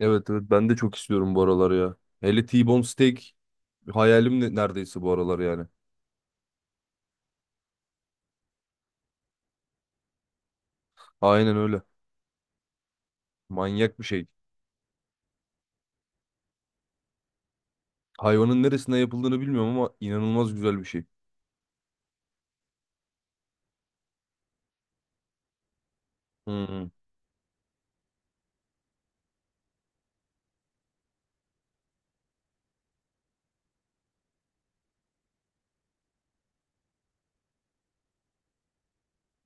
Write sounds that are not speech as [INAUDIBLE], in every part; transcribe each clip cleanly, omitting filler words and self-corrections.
Evet evet, ben de çok istiyorum bu aralar ya. Hele T-bone steak hayalim neredeyse bu aralar yani. Aynen öyle. Manyak bir şey. Hayvanın neresinden yapıldığını bilmiyorum ama inanılmaz güzel bir şey. Hmm,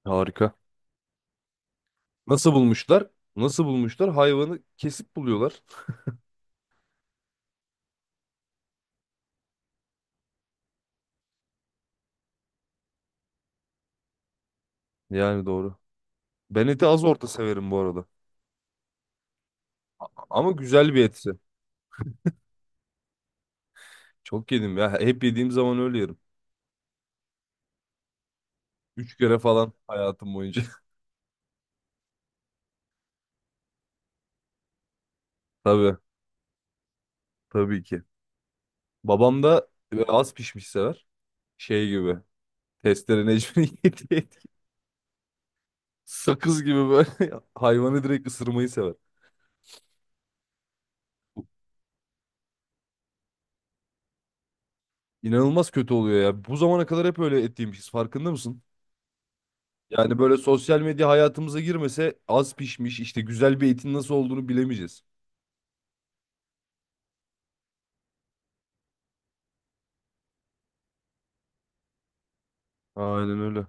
harika. Nasıl bulmuşlar? Nasıl bulmuşlar? Hayvanı kesip buluyorlar. Yani doğru. Ben eti az orta severim bu arada. Ama güzel bir etsi. Çok yedim ya. Hep yediğim zaman öyle yerim. Üç kere falan hayatım boyunca. [LAUGHS] Tabii. Tabii ki. Babam da böyle az pişmiş sever şey gibi. Testere Necmi'nin [LAUGHS] yediği et. Sakız gibi böyle [LAUGHS] hayvanı direkt ısırmayı sever. İnanılmaz kötü oluyor ya. Bu zamana kadar hep öyle et yemişiz. Farkında mısın? Yani böyle sosyal medya hayatımıza girmese az pişmiş işte güzel bir etin nasıl olduğunu bilemeyeceğiz. Aynen öyle.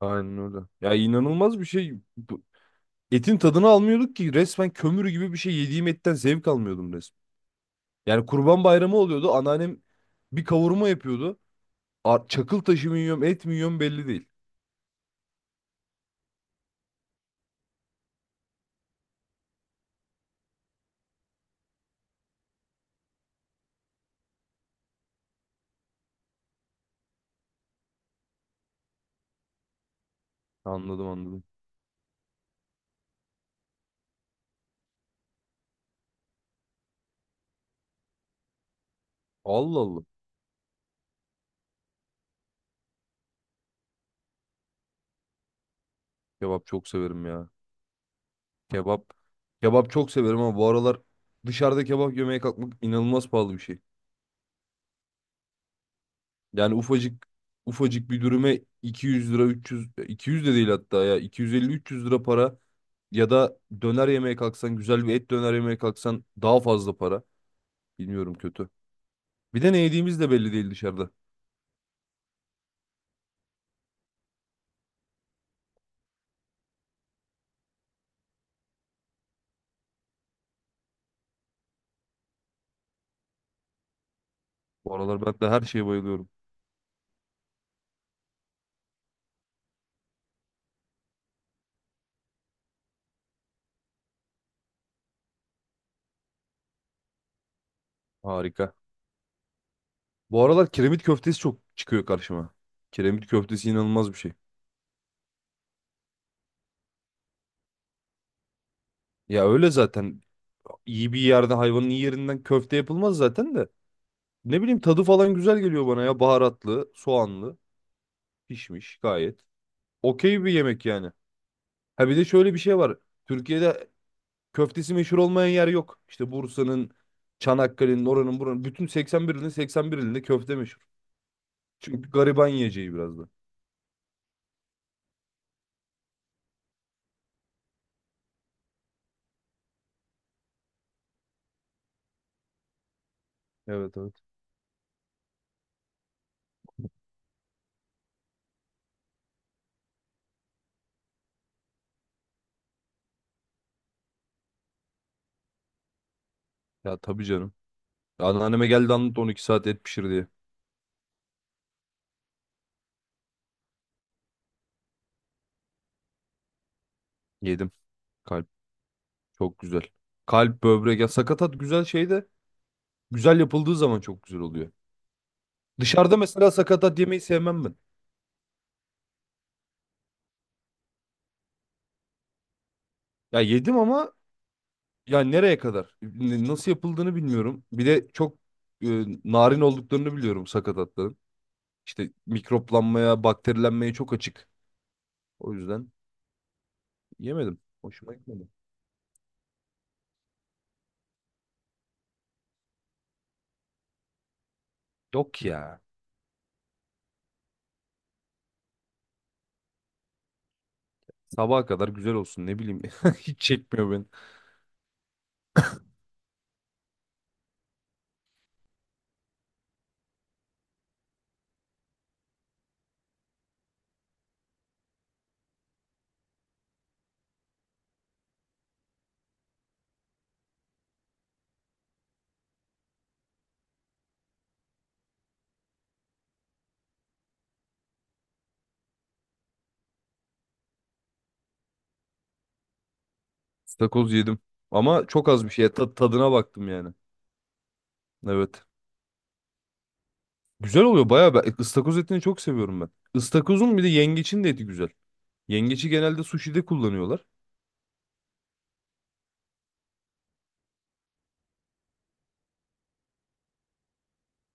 Aynen öyle. Ya inanılmaz bir şey. Etin tadını almıyorduk ki resmen, kömür gibi bir şey yediğim etten zevk almıyordum resmen. Yani Kurban Bayramı oluyordu. Anneannem bir kavurma yapıyordu. Çakıl taşı mı yiyorum, et mi yiyorum belli değil. Anladım, anladım. Allah Allah. Kebap çok severim ya. Kebap. Kebap çok severim ama bu aralar dışarıda kebap yemeye kalkmak inanılmaz pahalı bir şey. Yani ufacık ufacık bir dürüme 200 lira, 300 200 de değil hatta, ya 250-300 lira para, ya da döner yemeye kalksan, güzel bir et döner yemeye kalksan daha fazla para. Bilmiyorum, kötü. Bir de ne yediğimiz de belli değil dışarıda. Bu aralar ben de her şeye bayılıyorum. Harika. Bu aralar kiremit köftesi çok çıkıyor karşıma. Kiremit köftesi inanılmaz bir şey. Ya öyle zaten. İyi bir yerde hayvanın iyi yerinden köfte yapılmaz zaten de. Ne bileyim, tadı falan güzel geliyor bana ya. Baharatlı, soğanlı, pişmiş gayet. Okey bir yemek yani. Ha, bir de şöyle bir şey var. Türkiye'de köftesi meşhur olmayan yer yok. İşte Bursa'nın, Çanakkale'nin, oranın, buranın. Bütün 81 ilin 81 ilinde köfte meşhur. Çünkü gariban yiyeceği biraz da. Evet, evet. Ya tabii canım. Anneanneme geldi, anlattı 12 saat et pişir diye. Yedim. Kalp çok güzel. Kalp, böbrek, ya sakatat güzel şey de, güzel yapıldığı zaman çok güzel oluyor. Dışarıda mesela sakatat yemeyi sevmem ben. Ya yedim ama ya nereye kadar? Nasıl yapıldığını bilmiyorum. Bir de çok e, narin olduklarını biliyorum sakatatların. İşte mikroplanmaya, bakterilenmeye çok açık. O yüzden yemedim. Hoşuma gitmedi. Yok ya. Sabaha kadar güzel olsun, ne bileyim. [LAUGHS] Hiç çekmiyor beni. Stakoz yedim. Ama çok az bir şeye tadına baktım yani. Evet. Güzel oluyor bayağı. Ben ıstakoz etini çok seviyorum ben. Istakozun bir de yengeçin de eti güzel. Yengeci genelde sushi'de kullanıyorlar.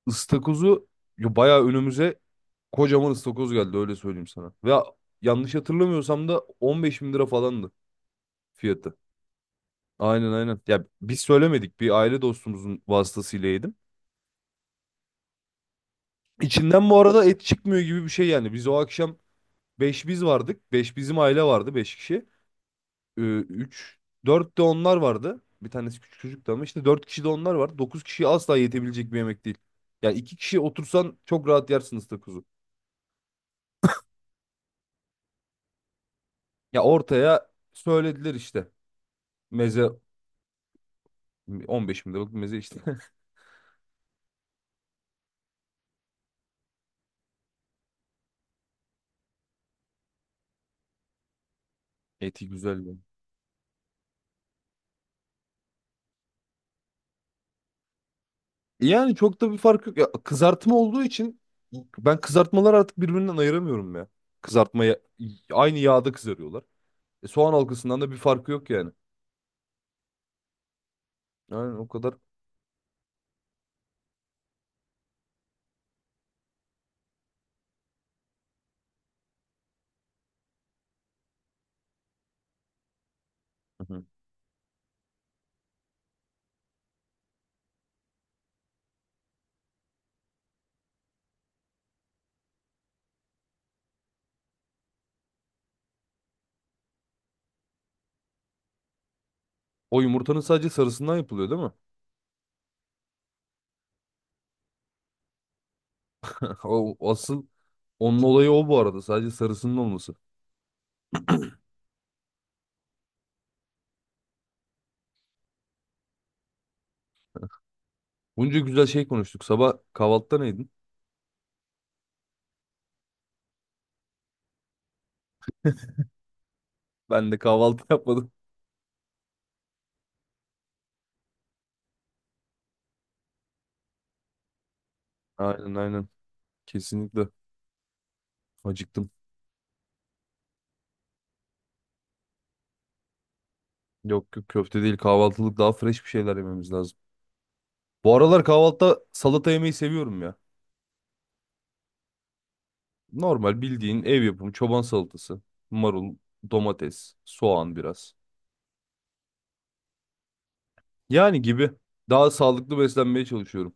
Istakozu, ya bayağı önümüze kocaman ıstakoz geldi, öyle söyleyeyim sana. Ve yanlış hatırlamıyorsam da 15 bin lira falandı fiyatı. Aynen, aynen. Ya biz söylemedik, bir aile dostumuzun vasıtasıyla yedim. İçinden bu arada et çıkmıyor gibi bir şey yani. Biz o akşam beş, biz vardık. Beş bizim aile vardı, 5 kişi. Ee, 3 4 de onlar vardı. Bir tanesi küçük çocuktu ama işte 4 kişi de onlar var. Dokuz kişiye asla yetebilecek bir yemek değil. Ya 2 kişi otursan çok rahat yersiniz takozu. Ya ortaya söylediler işte. Meze. 15 bin liralık bir meze işte. [LAUGHS] Eti güzel yani. Yani çok da bir fark yok. Ya kızartma olduğu için ben kızartmaları artık birbirinden ayıramıyorum ya. Kızartmaya, aynı yağda kızarıyorlar. E, soğan halkasından da bir farkı yok yani. Yani o kadar. Hı hı. O yumurtanın sadece sarısından yapılıyor, değil mi? O, asıl onun olayı o bu arada. Sadece sarısının olması. Bunca güzel şey konuştuk. Sabah kahvaltıda neydin? Ben de kahvaltı [LAUGHS] yapmadım. Aynen, aynen. Kesinlikle. Acıktım. Yok, yok, köfte değil, kahvaltılık daha fresh bir şeyler yememiz lazım. Bu aralar kahvaltıda salata yemeyi seviyorum ya. Normal bildiğin ev yapımı çoban salatası. Marul, domates, soğan biraz. Yani gibi. Daha sağlıklı beslenmeye çalışıyorum.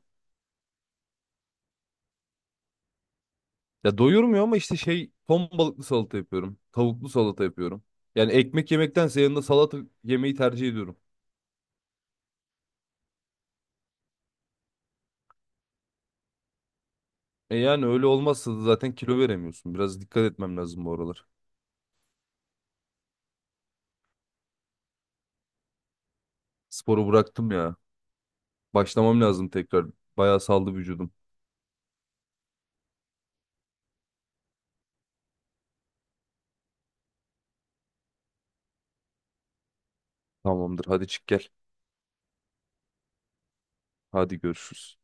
Ya doyurmuyor ama işte şey, ton balıklı salata yapıyorum. Tavuklu salata yapıyorum. Yani ekmek yemektense yanında salata yemeyi tercih ediyorum. E yani öyle olmazsa da zaten kilo veremiyorsun. Biraz dikkat etmem lazım bu aralar. Sporu bıraktım ya. Başlamam lazım tekrar. Bayağı saldı vücudum. Tamamdır, hadi çık gel. Hadi görüşürüz.